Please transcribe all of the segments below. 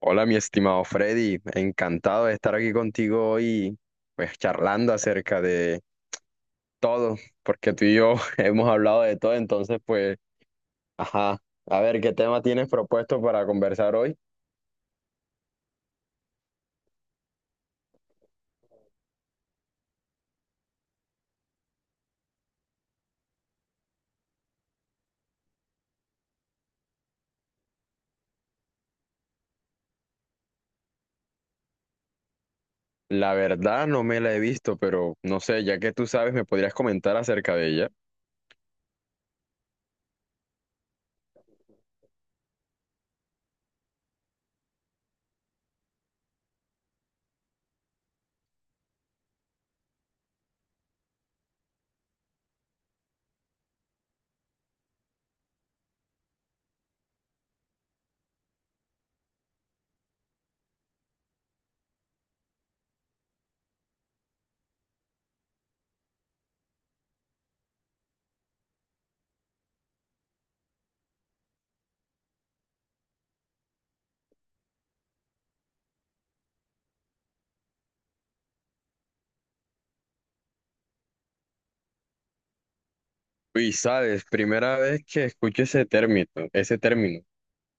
Hola, mi estimado Freddy, encantado de estar aquí contigo hoy, pues charlando acerca de todo, porque tú y yo hemos hablado de todo, entonces pues, ajá, a ver, ¿qué tema tienes propuesto para conversar hoy? La verdad no me la he visto, pero no sé, ya que tú sabes, me podrías comentar acerca de ella. Y sabes, primera vez que escucho ese término, ese término, o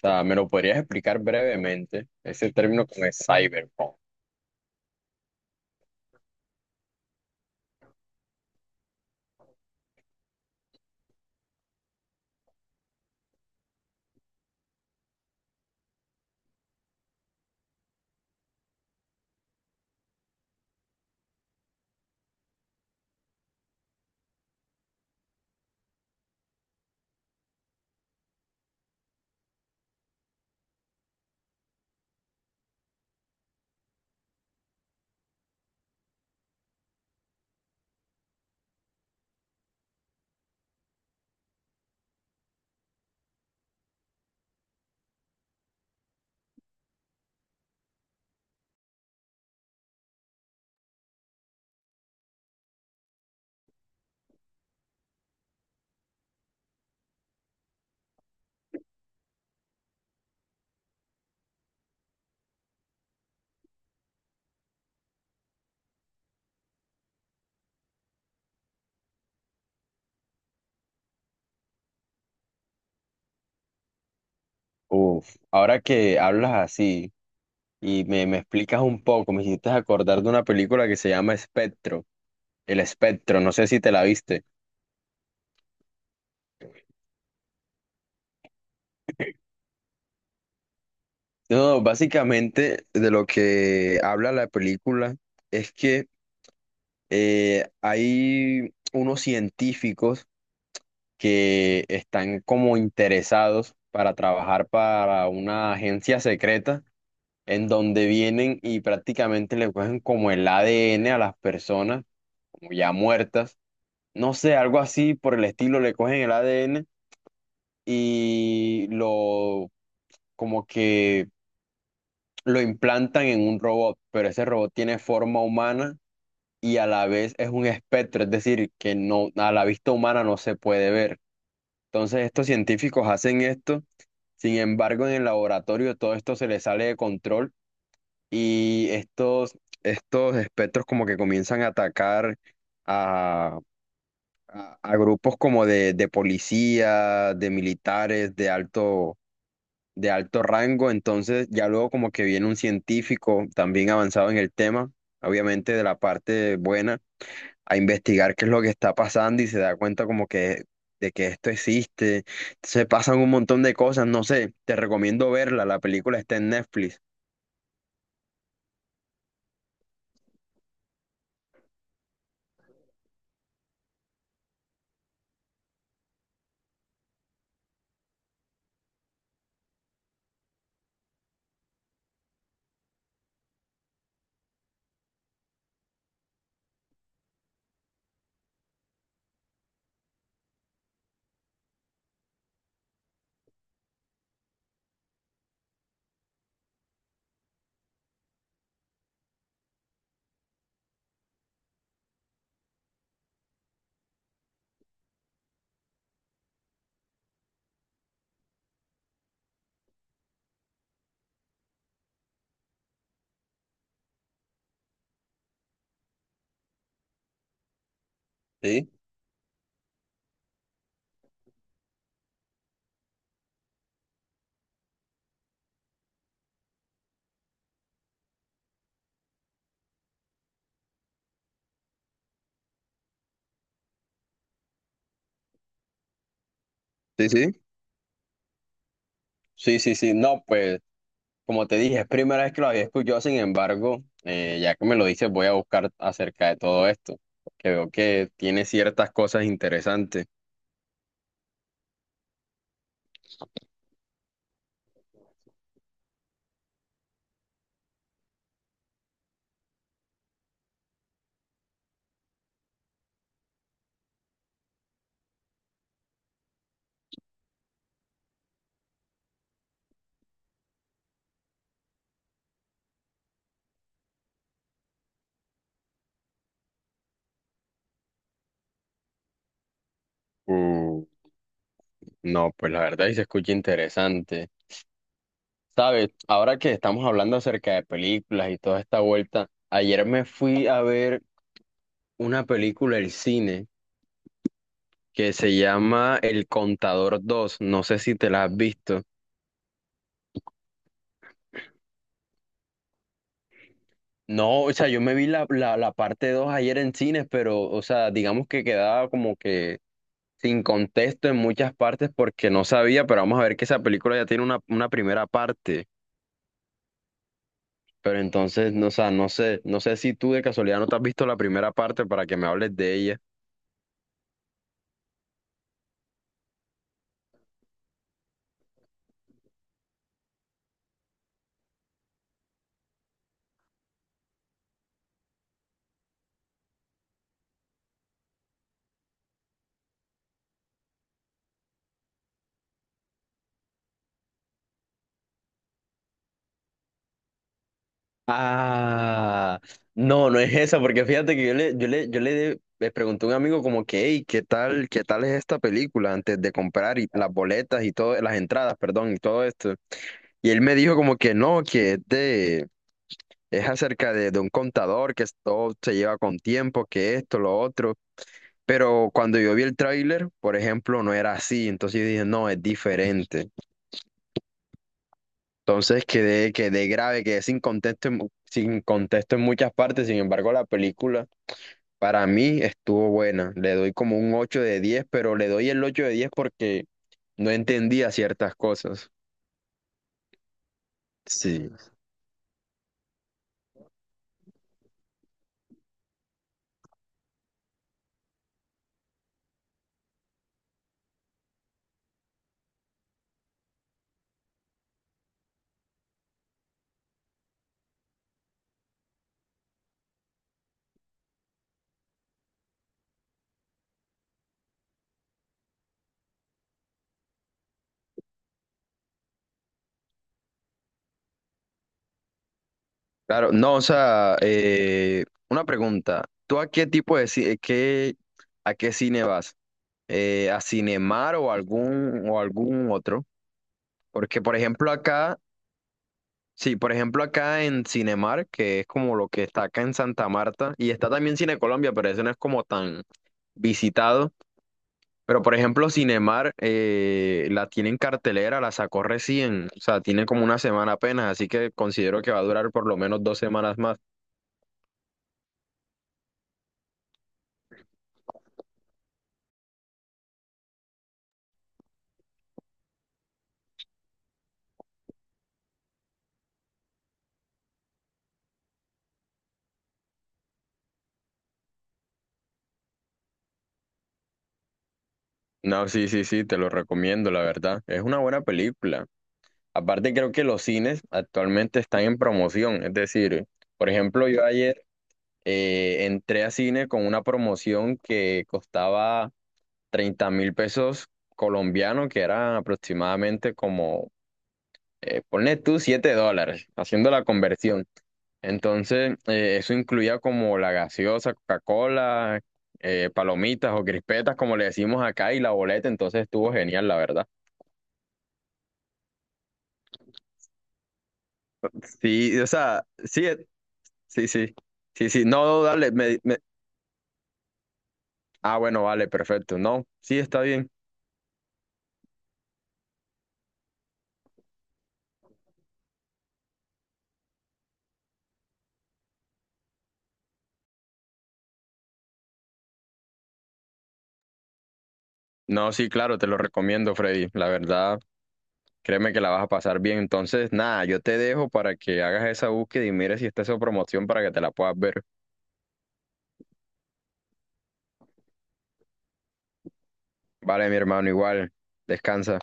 sea, ¿me lo podrías explicar brevemente? Ese término con el cyberpunk. Uf, ahora que hablas así y me explicas un poco, me hiciste acordar de una película que se llama Espectro, El Espectro, no sé si te la viste. No, básicamente de lo que habla la película es que hay unos científicos que están como interesados para trabajar para una agencia secreta en donde vienen y prácticamente le cogen como el ADN a las personas, como ya muertas, no sé, algo así por el estilo, le cogen el ADN y lo como que lo implantan en un robot, pero ese robot tiene forma humana y a la vez es un espectro, es decir, que no a la vista humana no se puede ver. Entonces estos científicos hacen esto, sin embargo en el laboratorio todo esto se les sale de control y estos espectros como que comienzan a atacar a, a grupos como de policía, de militares, de alto rango, entonces ya luego como que viene un científico también avanzado en el tema, obviamente de la parte buena a investigar qué es lo que está pasando y se da cuenta como que de que esto existe. Se pasan un montón de cosas, no sé, te recomiendo verla, la película está en Netflix. Sí, sí, sí, sí, sí, sí. No, pues como te dije, es primera vez que lo había escuchado, sin embargo, ya que me lo dices, voy a buscar acerca de todo esto, porque veo que tiene ciertas cosas interesantes. Mm, no, pues la verdad sí se escucha interesante. Sabes, ahora que estamos hablando acerca de películas y toda esta vuelta, ayer me fui a ver una película del cine que se llama El Contador dos, no sé si te la has visto. No, o sea, yo me vi la parte 2 ayer en cines, pero, o sea, digamos que quedaba como que sin contexto en muchas partes porque no sabía, pero vamos a ver que esa película ya tiene una primera parte. Pero entonces, no, o sea, no sé, no sé si tú de casualidad no te has visto la primera parte para que me hables de ella. Ah, no, no es esa, porque fíjate que le pregunté a un amigo como que, hey, ¿ qué tal es esta película antes de comprar y las boletas y todo, las entradas, perdón, ¿y todo esto? Y él me dijo como que no, es acerca de un contador, todo se lleva con tiempo, que esto, lo otro. Pero cuando yo vi el tráiler, por ejemplo, no era así, entonces yo dije, no, es diferente. Entonces quedé grave, quedé sin contexto, sin contexto en muchas partes. Sin embargo, la película para mí estuvo buena. Le doy como un 8 de diez, pero le doy el 8 de 10 porque no entendía ciertas cosas. Sí. Claro, no, o sea, una pregunta. ¿Tú a qué tipo de a qué cine vas? ¿A Cinemar o o algún otro? Porque, por ejemplo, acá sí, por ejemplo, acá en Cinemark, que es como lo que está acá en Santa Marta, y está también Cine Colombia, pero eso no es como tan visitado. Pero por ejemplo, Cinemark la tiene en cartelera, la sacó recién, o sea, tiene como una semana apenas, así que considero que va a durar por lo menos dos semanas más. No, sí, sí, sí, te lo recomiendo, la verdad. Es una buena película. Aparte, creo que los cines actualmente están en promoción, es decir, por ejemplo, yo ayer entré a cine con una promoción que costaba 30.000 pesos colombianos, que eran aproximadamente como, ponle tú $7, haciendo la conversión. Entonces, eso incluía como la gaseosa, Coca-Cola, palomitas o crispetas, como le decimos acá, y la boleta, entonces estuvo genial, la verdad. Sí, o sea, sí, sí, sí, sí, sí, no, no, dale, me- ah, bueno, vale, perfecto, no, sí, está bien. No, sí, claro, te lo recomiendo, Freddy, la verdad. Créeme que la vas a pasar bien. Entonces, nada, yo te dejo para que hagas esa búsqueda y mires si está esa promoción para que te la puedas ver. Vale, mi hermano, igual. Descansa.